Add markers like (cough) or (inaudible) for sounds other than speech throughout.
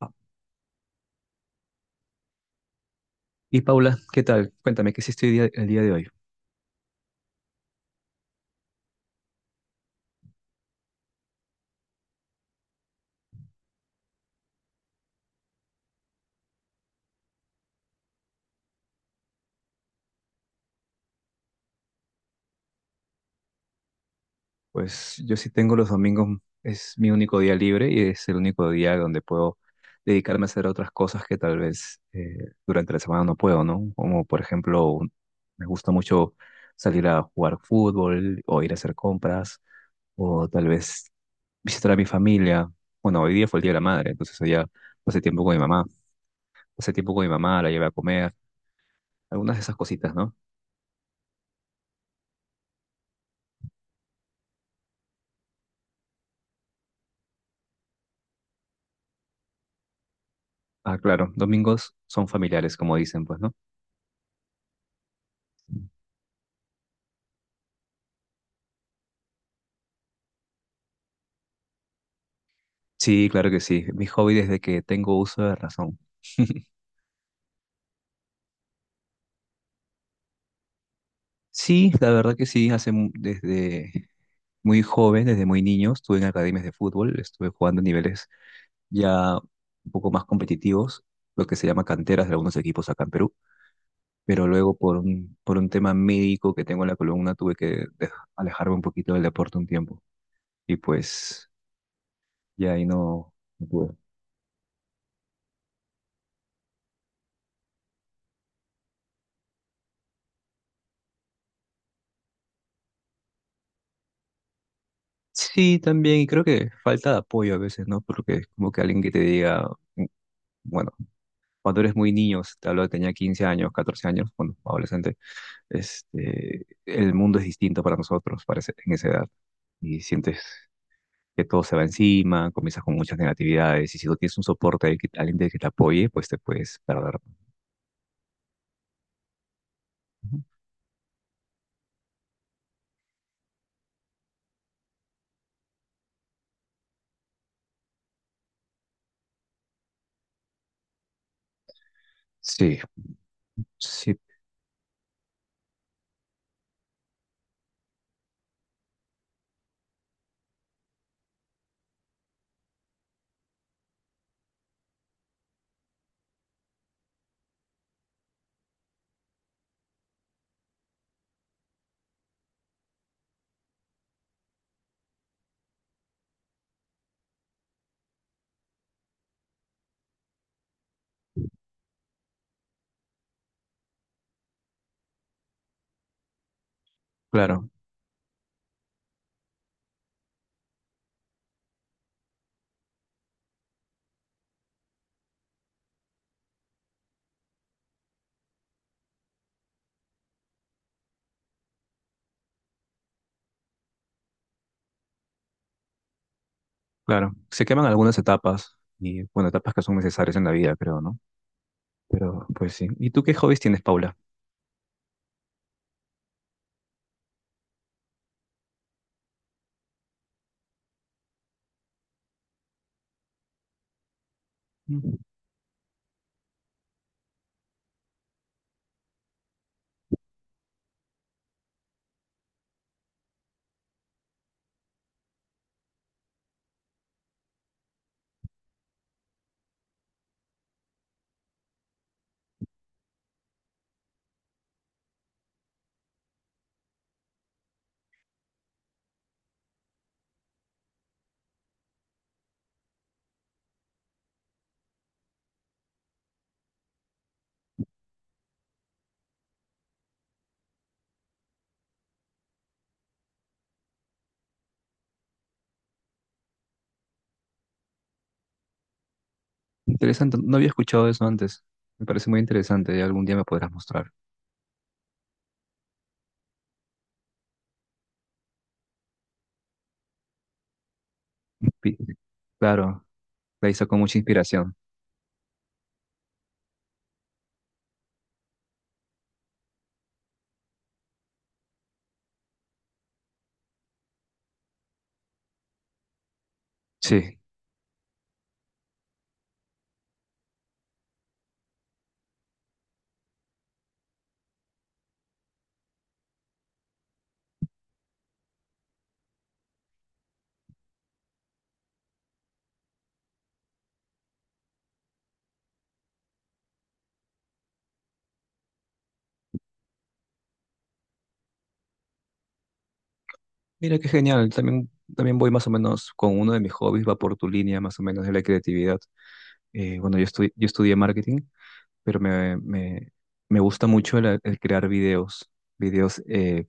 Ah, Y Paula, ¿qué tal? Cuéntame, ¿qué hiciste el día de hoy? Pues yo sí tengo los domingos, es mi único día libre y es el único día donde puedo dedicarme a hacer otras cosas que tal vez durante la semana no puedo, ¿no? Como por ejemplo, me gusta mucho salir a jugar fútbol o ir a hacer compras o tal vez visitar a mi familia. Bueno, hoy día fue el Día de la Madre, entonces ya pasé tiempo con mi mamá, pasé tiempo con mi mamá, la llevé a comer, algunas de esas cositas, ¿no? Ah, claro, domingos son familiares, como dicen, pues, ¿no? Sí, claro que sí. Mi hobby desde que tengo uso de razón. (laughs) Sí, la verdad que sí. Hace desde muy joven, desde muy niño, estuve en academias de fútbol, estuve jugando a niveles ya un poco más competitivos, lo que se llama canteras de algunos equipos acá en Perú. Pero luego por un tema médico que tengo en la columna, tuve que alejarme un poquito del deporte un tiempo. Y pues ya ahí no, no pude. Sí, también, y creo que falta de apoyo a veces, ¿no? Porque es como que alguien que te diga, "Mm, bueno". Cuando eres muy niño, te hablo de tenía 15 años, 14 años, cuando adolescente, el mundo es distinto para nosotros parece, en esa edad y sientes que todo se va encima, comienzas con muchas negatividades y si no tienes un soporte, alguien de que te apoye, pues te puedes perder. Ujú. Sí, sí, claro, claro. Se queman algunas etapas y, bueno, etapas que son necesarias en la vida, creo, ¿no? Pero, pues sí. ¿Y tú qué hobbies tienes, Paula? Mm. Interesante, no había escuchado eso antes. Me parece muy interesante, ya algún día me podrás mostrar. Pi- Claro, la hizo con mucha inspiración. Sí. Mira qué genial. También, también voy más o menos con uno de mis hobbies, va por tu línea más o menos de la creatividad. Bueno, yo, yo estudié marketing, pero me gusta mucho el crear videos. Videos,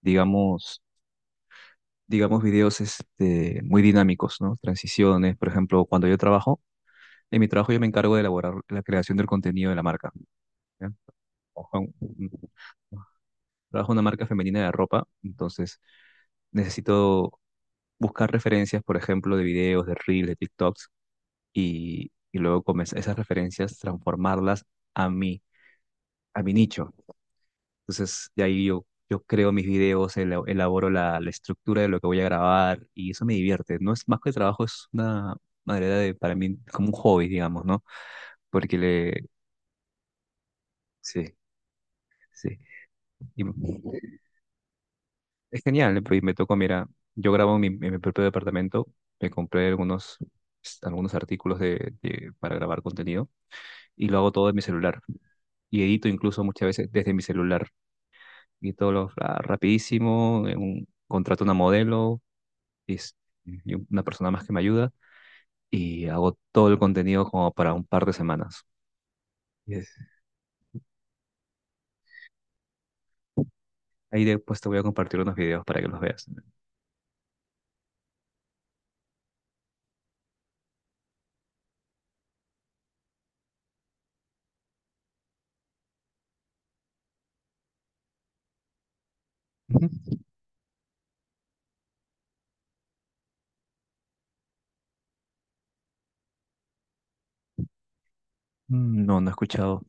digamos, digamos videos muy dinámicos, ¿no? Transiciones, por ejemplo, cuando yo trabajo, en mi trabajo yo me encargo de elaborar la creación del contenido de la marca. ¿Ya? Trabajo en- trabajo en una marca femenina de ropa, entonces necesito buscar referencias, por ejemplo, de videos, de reels, de TikToks, y luego comenzar esas referencias, transformarlas a mí, a mi nicho. Entonces, de ahí yo creo mis videos, elaboro la estructura de lo que voy a grabar, y eso me divierte. No es más que trabajo, es una manera de, para mí, como un hobby, digamos, ¿no? Porque le... Sí, sí. Y- Es genial, ¿no? Pues me tocó, mira, yo grabo en mi propio departamento, me compré algunos, algunos artículos para grabar contenido y lo hago todo en mi celular. Y edito incluso muchas veces desde mi celular. Y todo lo rapidísimo, contrato una modelo y, es- y una persona más que me ayuda y hago todo el contenido como para un par de semanas. Y es- Ahí después te voy a compartir unos videos para que los veas. Ujú. Mm, no, no he escuchado.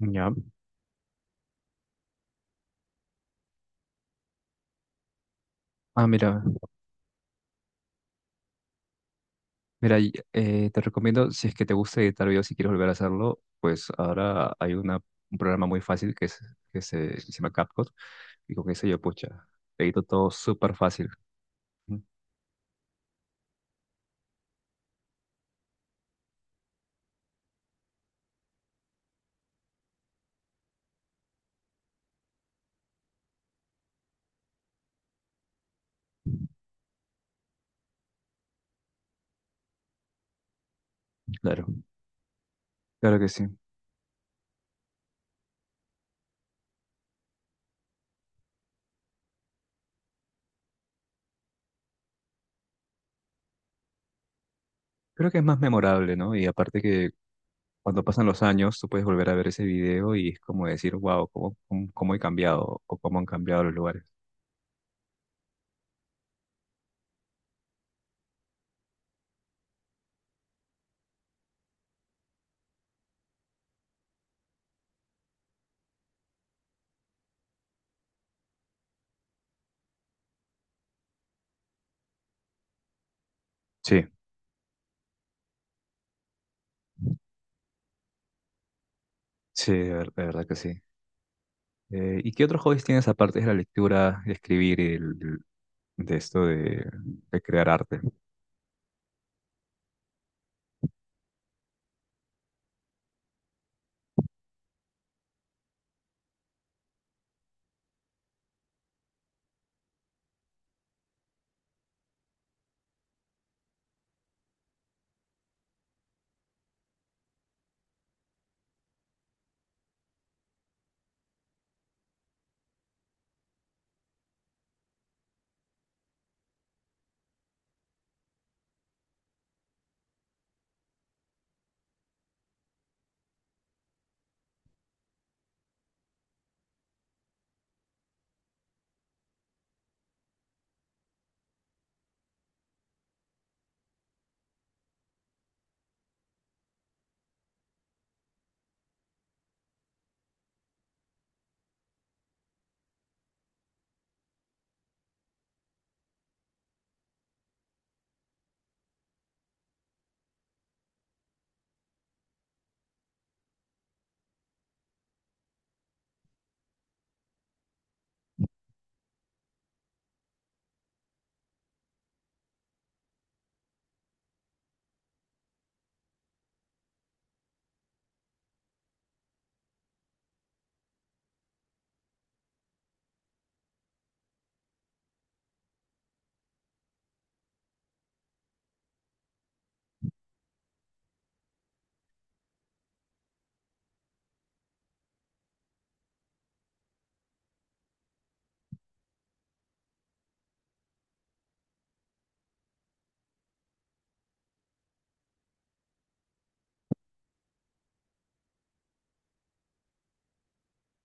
Ya. Ah, mira. Mira, y, te recomiendo, si es que te gusta editar videos y quieres volver a hacerlo, pues ahora hay un programa muy fácil que que se llama CapCut y con eso yo, pucha, edito todo súper fácil. Ujú, claro, claro que sí. Creo que es más memorable, ¿no? Y aparte que cuando pasan los años, tú puedes volver a ver ese video y es como decir, wow, cómo he cambiado o cómo han cambiado los lugares. Sí, sí, de verdad que sí. ¿Y qué otros hobbies tienes aparte de la lectura, de escribir y de esto de crear arte?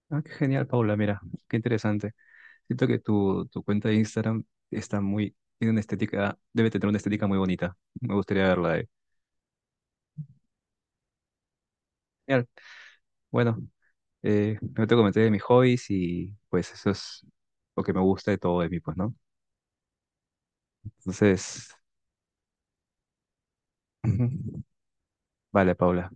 Ah, qué genial, Paula, mira, qué interesante. Siento que tu cuenta de Instagram está muy, tiene una estética, debe tener una estética muy bonita. Me gustaría verla ahí. Genial. Bueno, no te comenté de mis hobbies y pues eso es lo que me gusta de todo de mí, pues, ¿no? Entonces, ujú. Vale, Paula.